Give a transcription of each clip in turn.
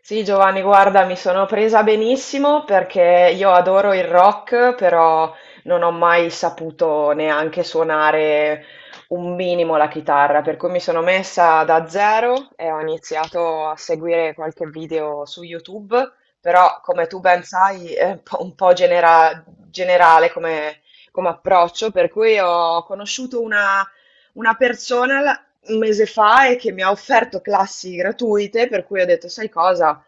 Sì, Giovanni, guarda, mi sono presa benissimo perché io adoro il rock, però non ho mai saputo neanche suonare un minimo la chitarra, per cui mi sono messa da zero e ho iniziato a seguire qualche video su YouTube, però come tu ben sai è un po' generale come approccio, per cui ho conosciuto una persona un mese fa e che mi ha offerto classi gratuite, per cui ho detto, sai cosa?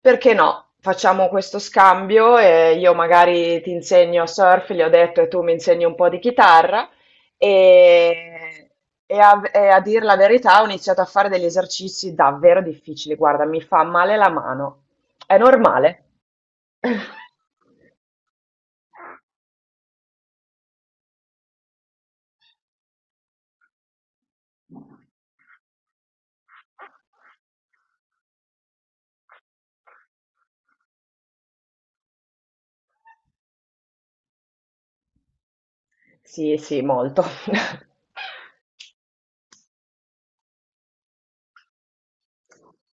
Perché no? Facciamo questo scambio e io magari ti insegno surf, gli ho detto, e tu mi insegni un po' di chitarra. E, e a dir la verità, ho iniziato a fare degli esercizi davvero difficili. Guarda, mi fa male la mano. È normale? Sì, sì, molto.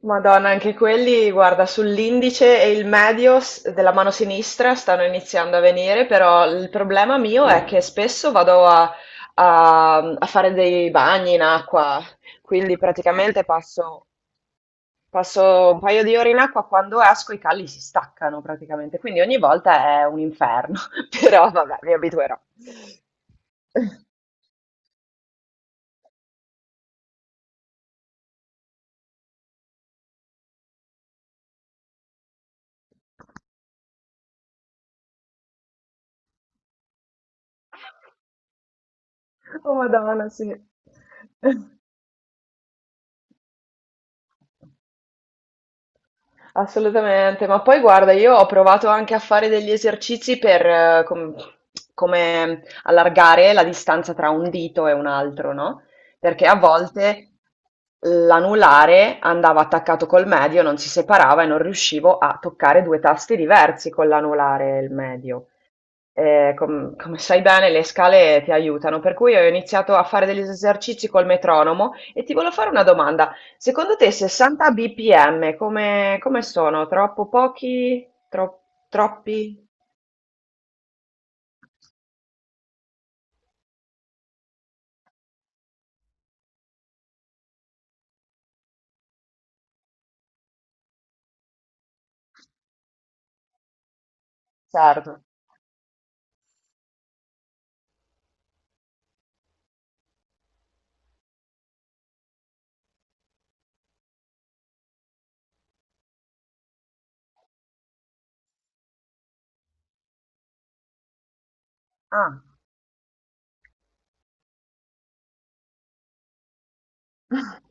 Madonna, anche quelli, guarda, sull'indice e il medio della mano sinistra stanno iniziando a venire, però il problema mio è che spesso vado a fare dei bagni in acqua, quindi praticamente passo un paio di ore in acqua, quando esco i calli si staccano praticamente, quindi ogni volta è un inferno. Però vabbè, mi abituerò. Oh Madonna, sì. Assolutamente, ma poi guarda, io ho provato anche a fare degli esercizi per come allargare la distanza tra un dito e un altro, no? Perché a volte l'anulare andava attaccato col medio, non si separava e non riuscivo a toccare due tasti diversi con l'anulare e il medio. Come sai bene, le scale ti aiutano, per cui ho iniziato a fare degli esercizi col metronomo e ti volevo fare una domanda: secondo te 60 bpm come sono? Troppo pochi? Troppi? Certo. Ah.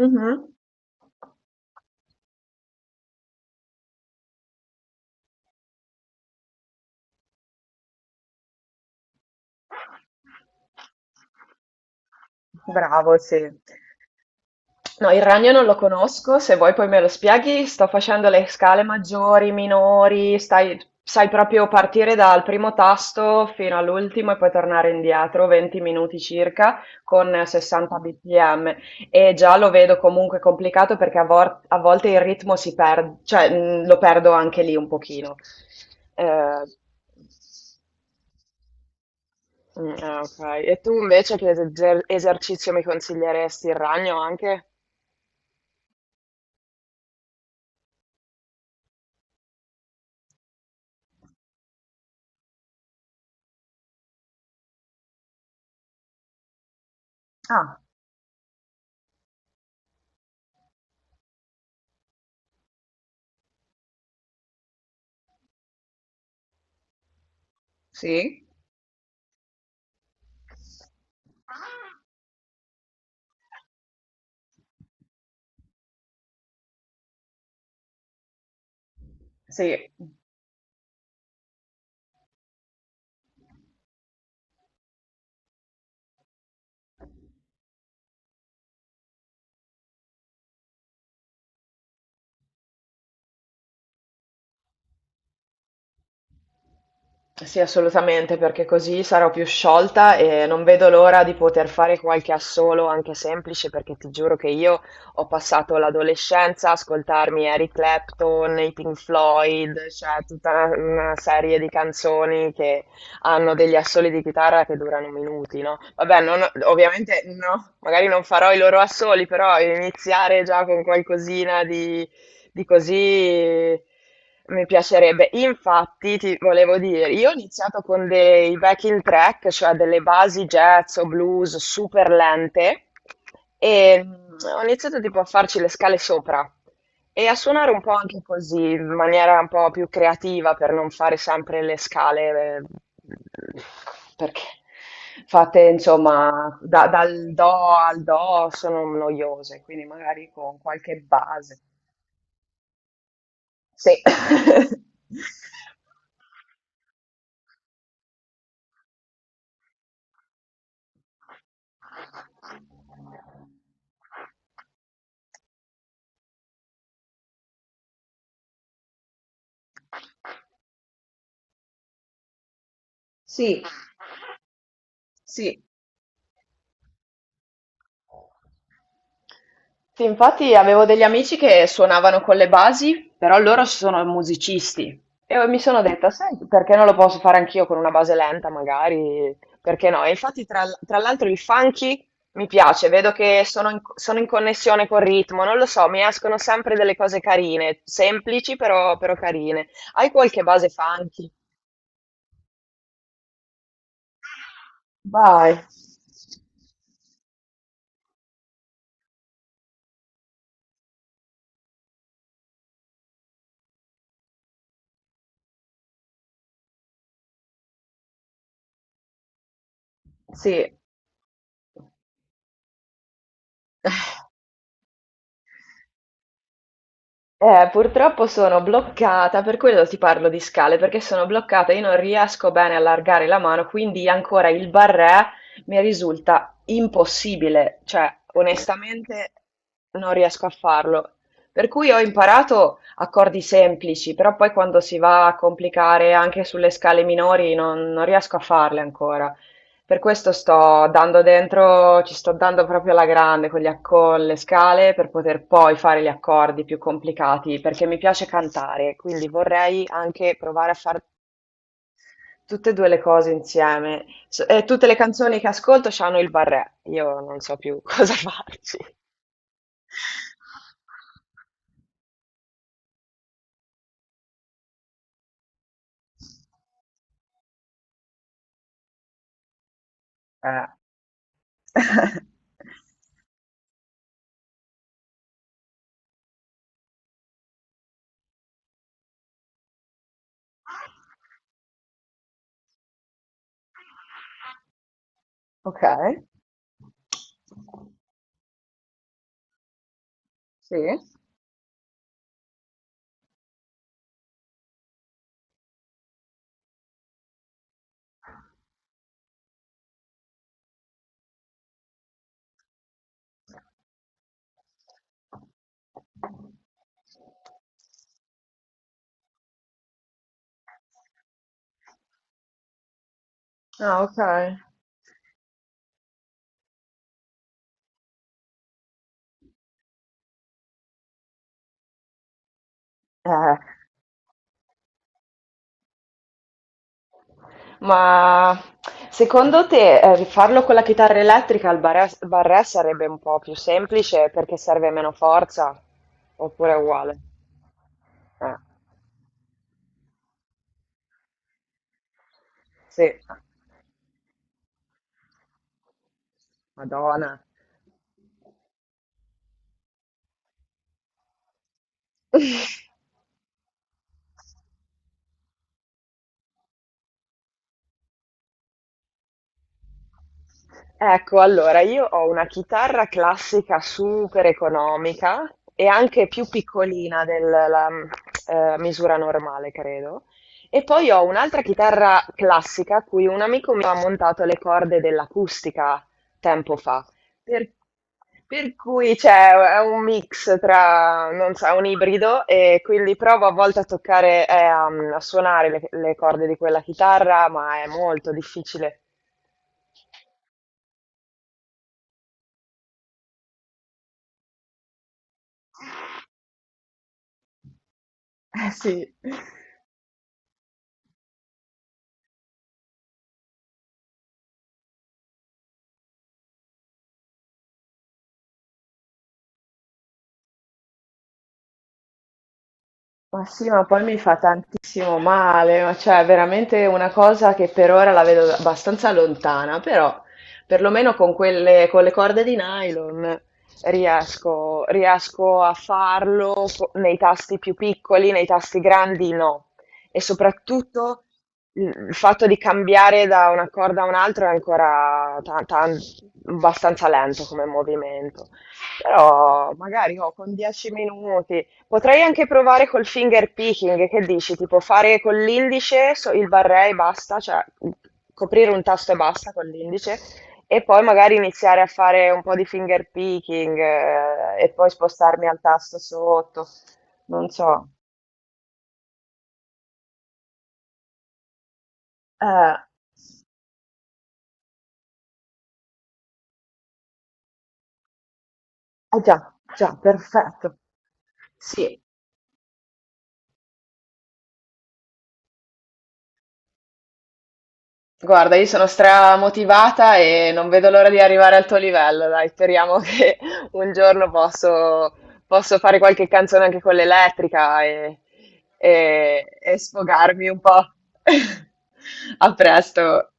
Mh-mh. Bravo, sì. No, il ragno non lo conosco, se vuoi poi me lo spieghi. Sto facendo le scale maggiori, minori, sai, proprio partire dal primo tasto fino all'ultimo e poi tornare indietro, 20 minuti circa, con 60 bpm. E già lo vedo comunque complicato perché a volte il ritmo si perde, cioè lo perdo anche lì un pochino. Eh, Mm, ah, ok. E tu invece che esercizio mi consiglieresti, il ragno anche? Ah, sì? Sì, sì, assolutamente, perché così sarò più sciolta e non vedo l'ora di poter fare qualche assolo anche semplice, perché ti giuro che io ho passato l'adolescenza a ascoltarmi Eric Clapton, i Pink Floyd, cioè tutta una serie di canzoni che hanno degli assoli di chitarra che durano minuti, no? Vabbè, ovviamente no, magari non farò i loro assoli, però iniziare già con qualcosina di così mi piacerebbe. Infatti, ti volevo dire, io ho iniziato con dei backing track, cioè delle basi jazz o blues super lente, e ho iniziato tipo a farci le scale sopra e a suonare un po' anche così, in maniera un po' più creativa per non fare sempre le scale, perché fatte insomma dal do al do sono noiose, quindi magari con qualche base. Sì. Sì, sì, sì, infatti avevo degli amici che suonavano con le basi, però loro sono musicisti. E mi sono detta, sai, perché non lo posso fare anch'io con una base lenta, magari? Perché no? E infatti, tra l'altro, il funky mi piace, vedo che sono in connessione col ritmo, non lo so, mi escono sempre delle cose carine, semplici però carine. Hai qualche base funky? Vai. Sì. Purtroppo sono bloccata, per quello ti parlo di scale, perché sono bloccata, io non riesco bene a allargare la mano, quindi ancora il barré mi risulta impossibile, cioè onestamente non riesco a farlo. Per cui ho imparato accordi semplici, però poi quando si va a complicare anche sulle scale minori non riesco a farle ancora. Per questo sto dando dentro, ci sto dando proprio alla grande con gli ac con le scale, per poter poi fare gli accordi più complicati, perché mi piace cantare, quindi vorrei anche provare a far tutte e due le cose insieme. S e tutte le canzoni che ascolto c'hanno il barré, io non so più cosa farci. Eh. Okay, sì. Ah, okay. Eh. Ma secondo te, farlo con la chitarra elettrica al barré sarebbe un po' più semplice perché serve meno forza? Oppure è uguale? Eh, sì, Madonna. Ecco, allora io ho una chitarra classica super economica e anche più piccolina della misura normale, credo. E poi ho un'altra chitarra classica a cui un amico mi ha montato le corde dell'acustica tempo fa. Per, per cui c'è è un mix, tra, non so, è un ibrido, e quindi provo a volte a toccare, a suonare le corde di quella chitarra, ma è molto difficile. Eh sì, ma poi mi fa tantissimo male, ma cioè è veramente una cosa che per ora la vedo abbastanza lontana, però perlomeno con le corde di nylon riesco a farlo, nei tasti più piccoli, nei tasti grandi no. E soprattutto il fatto di cambiare da una corda a un'altra è ancora abbastanza lento come movimento. Però magari oh, con 10 minuti. Potrei anche provare col finger picking, che dici? Tipo fare con l'indice, il barré e basta, cioè coprire un tasto e basta con l'indice, e poi magari iniziare a fare un po' di finger picking, e poi spostarmi al tasto sotto. Non so. Eh, ah già, già, perfetto. Sì, guarda, io sono stramotivata e non vedo l'ora di arrivare al tuo livello, dai, speriamo che un giorno posso fare qualche canzone anche con l'elettrica e sfogarmi un po'. A presto.